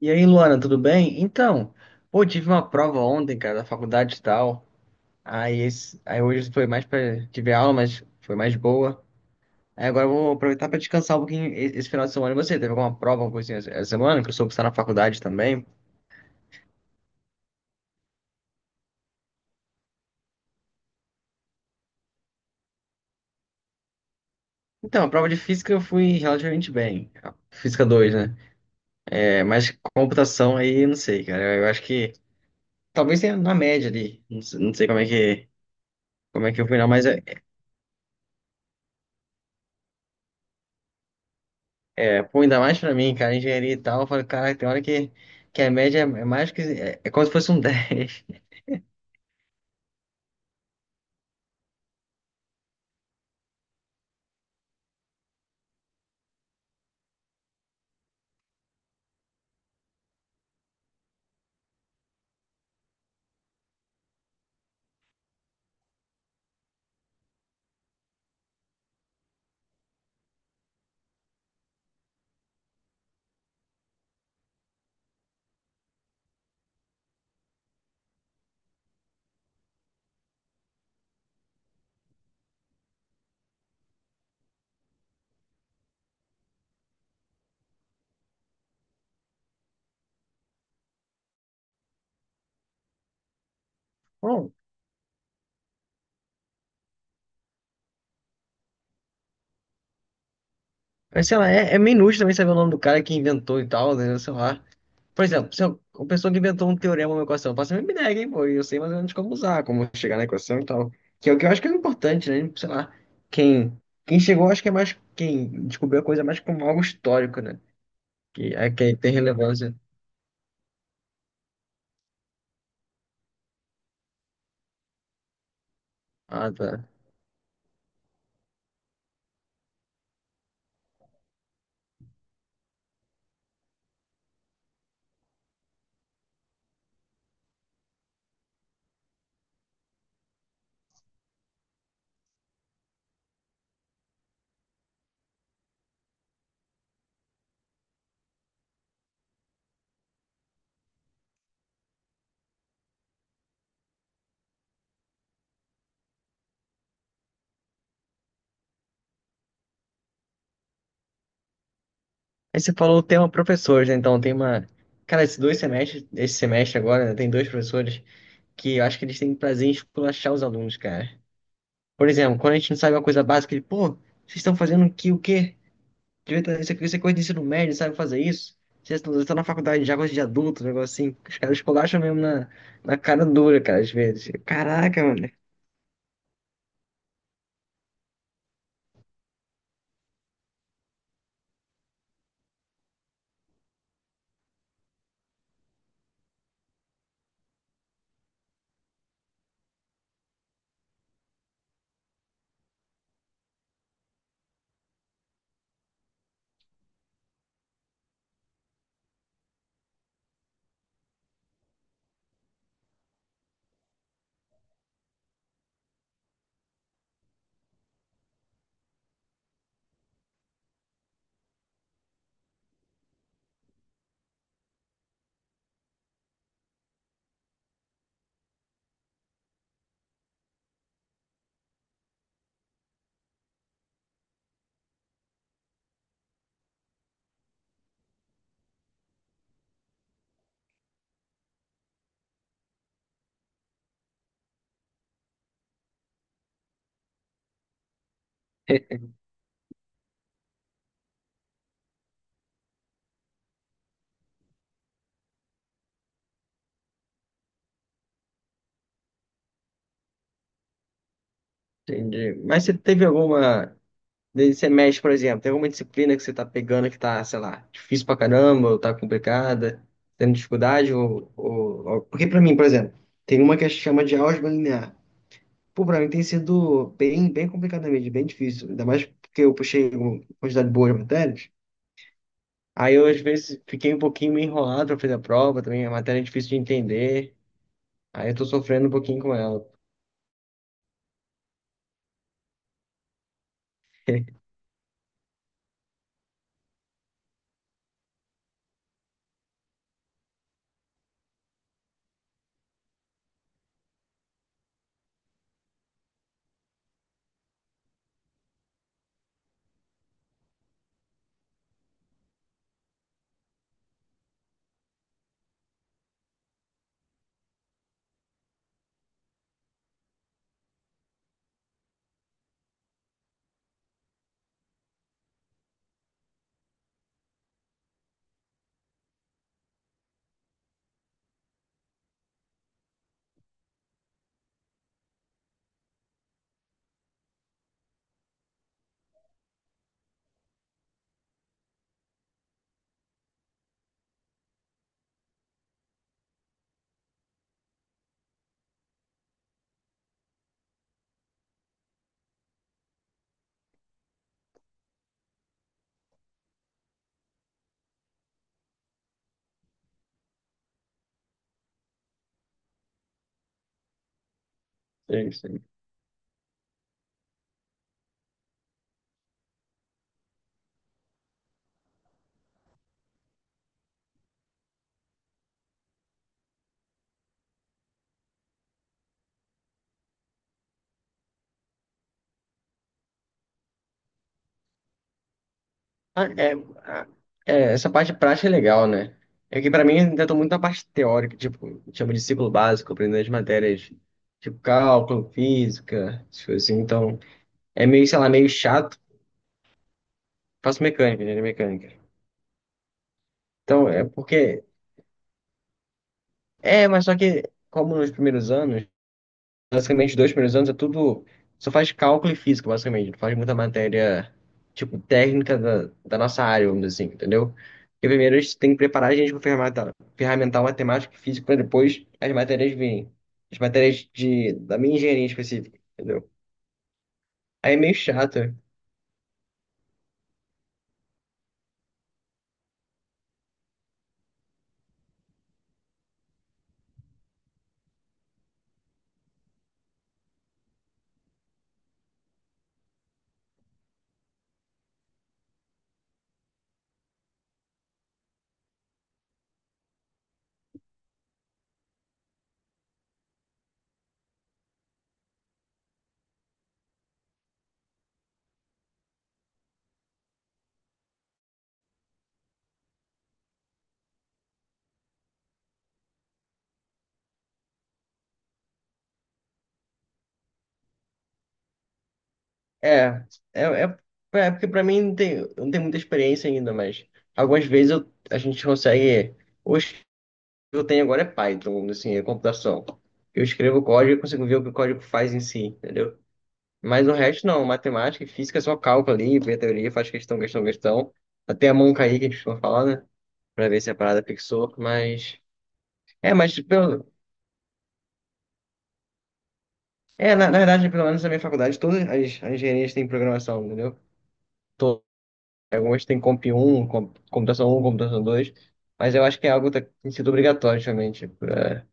E aí, Luana, tudo bem? Então, pô, tive uma prova ontem, cara, da faculdade e tal. Aí, hoje foi mais pra. Tive aula, mas foi mais boa. Aí agora eu vou aproveitar pra descansar um pouquinho esse final de semana. E você, teve alguma prova, alguma coisinha essa semana? Que eu soube que está na faculdade também. Então, a prova de física eu fui relativamente bem. A Física 2, né? É, mas computação aí, eu não sei, cara. Eu acho que talvez tenha na média ali. Não, sei não sei como é que eu fui, não, mas. É, É, pô, ainda mais pra mim, cara, engenharia e tal, eu falei, caraca, tem hora que a média é mais que, é como se fosse um 10. Bom, mas sei lá, é meio inútil também saber o nome do cara que inventou e tal, né, sei lá. Por exemplo, se eu- uma pessoa que inventou um teorema, uma equação, eu faço a mesma ideia, hein, pô, e eu sei mais ou menos como usar, como chegar na equação e tal. Que é o que eu acho que é importante, né, sei lá, quem, quem chegou, acho que é mais, quem descobriu a coisa mais como algo histórico, né, que tem relevância. Ah, tá. Aí você falou o tema professores, né? Então tem uma. Cara, esses 2 semestres, esse semestre agora, né, tem dois professores que eu acho que eles têm prazer em esculachar os alunos, cara. Por exemplo, quando a gente não sabe uma coisa básica, ele, pô, vocês estão fazendo que o quê? Isso aqui, isso é coisa de ensino médio, sabe fazer isso? Vocês estão na faculdade já, coisa de adulto, um negócio assim. Os caras esculacham mesmo na cara dura, cara, às vezes. Caraca, mano. Entendi. Mas você teve alguma. Daí você mexe, por exemplo, tem alguma disciplina que você tá pegando que tá, sei lá, difícil pra caramba, ou tá complicada, tendo dificuldade, porque pra mim, por exemplo, tem uma que chama de álgebra linear. Pô, pra mim tem sido bem complicada mesmo, bem difícil. Ainda mais porque eu puxei uma quantidade boa de matérias. Aí eu, às vezes, fiquei um pouquinho meio enrolado pra fazer a prova também, a matéria é difícil de entender. Aí eu tô sofrendo um pouquinho com ela. É isso. Ah, É, ah, é, essa parte prática é legal, né? É que pra mim ainda tô muito na parte teórica, tipo, chama de ciclo básico, aprendendo as matérias, tipo cálculo, física, essas coisas assim. Então, é meio, sei lá, meio chato. Faço mecânica, engenharia mecânica. Então, é porque. É, mas só que, como nos primeiros anos. Basicamente, os 2 primeiros anos é tudo. Só faz cálculo e física, basicamente. Não faz muita matéria, tipo, técnica da nossa área, vamos dizer assim, entendeu? Porque primeiro a gente tem que preparar a gente para ferramental matemática e física para depois as matérias virem. As matérias de, da minha engenharia específica, entendeu? Aí é meio chato. É, é, é, é porque para mim não tem muita experiência ainda, mas algumas vezes eu, a gente consegue. Ou eu tenho agora é Python, assim, é computação. Eu escrevo código e consigo ver o que o código faz em si, entendeu? Mas o resto não, matemática e física é só cálculo ali, vê a teoria, faz questão, questão, questão. Até a mão cair, que a gente for falar, né? Pra ver se a parada fixou, mas... É, mas pelo... É, na verdade, pelo menos na minha faculdade, todas as engenharias têm programação, entendeu? Todas. Algumas têm Computação um, Computação 2. Mas eu acho que é algo que tem sido obrigatório, realmente. Pra-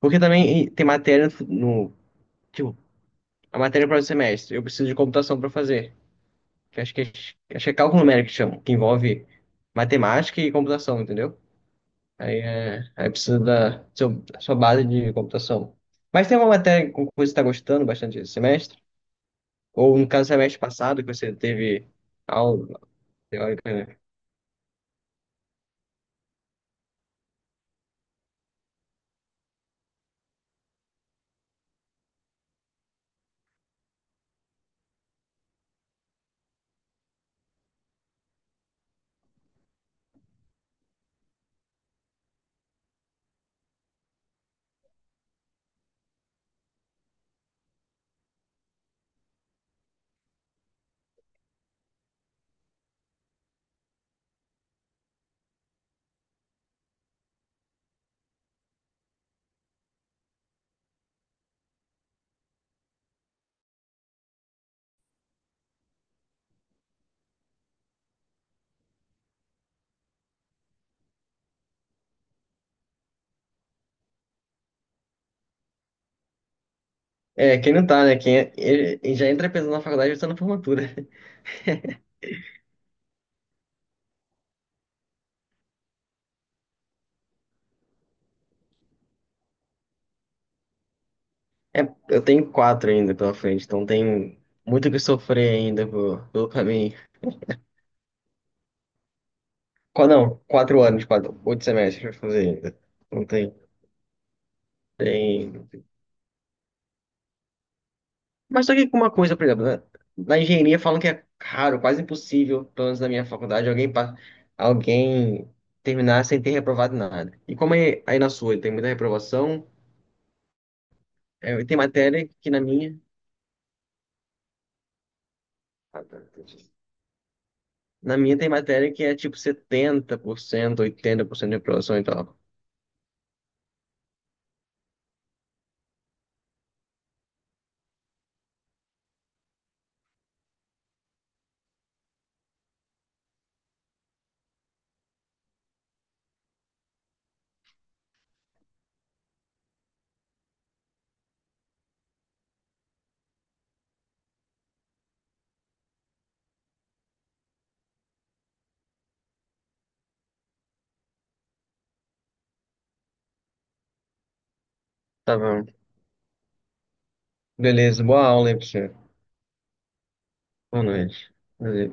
porque também tem matéria no- tipo, a matéria para o semestre. Eu preciso de computação para fazer. Que acho que é cálculo numérico que chama, que envolve matemática e computação, entendeu? Aí, é, aí precisa sua base de computação. Mas tem uma matéria com que você está gostando bastante esse semestre? Ou no caso, semestre passado, que você teve aula teórica, né? É, quem não tá, né? Ele já entra pensando na faculdade, já está na formatura. É, eu tenho quatro ainda pela frente, então tem muito o que sofrer ainda pelo caminho. Não, 4 anos, quatro, 8 semestres pra fazer ainda. Não tem, tem. Mas só que uma coisa, por exemplo, né? Na engenharia falam que é raro, quase impossível, pelo menos na minha faculdade, alguém terminar sem ter reprovado nada. E como é aí na sua, tem muita reprovação, é, tem matéria que na minha. Ah, tá, entendi. Na minha tem matéria que é tipo 70% 80% de reprovação e tal. Tá bom. Beleza, boa aula aí pra você. Boa noite. Valeu.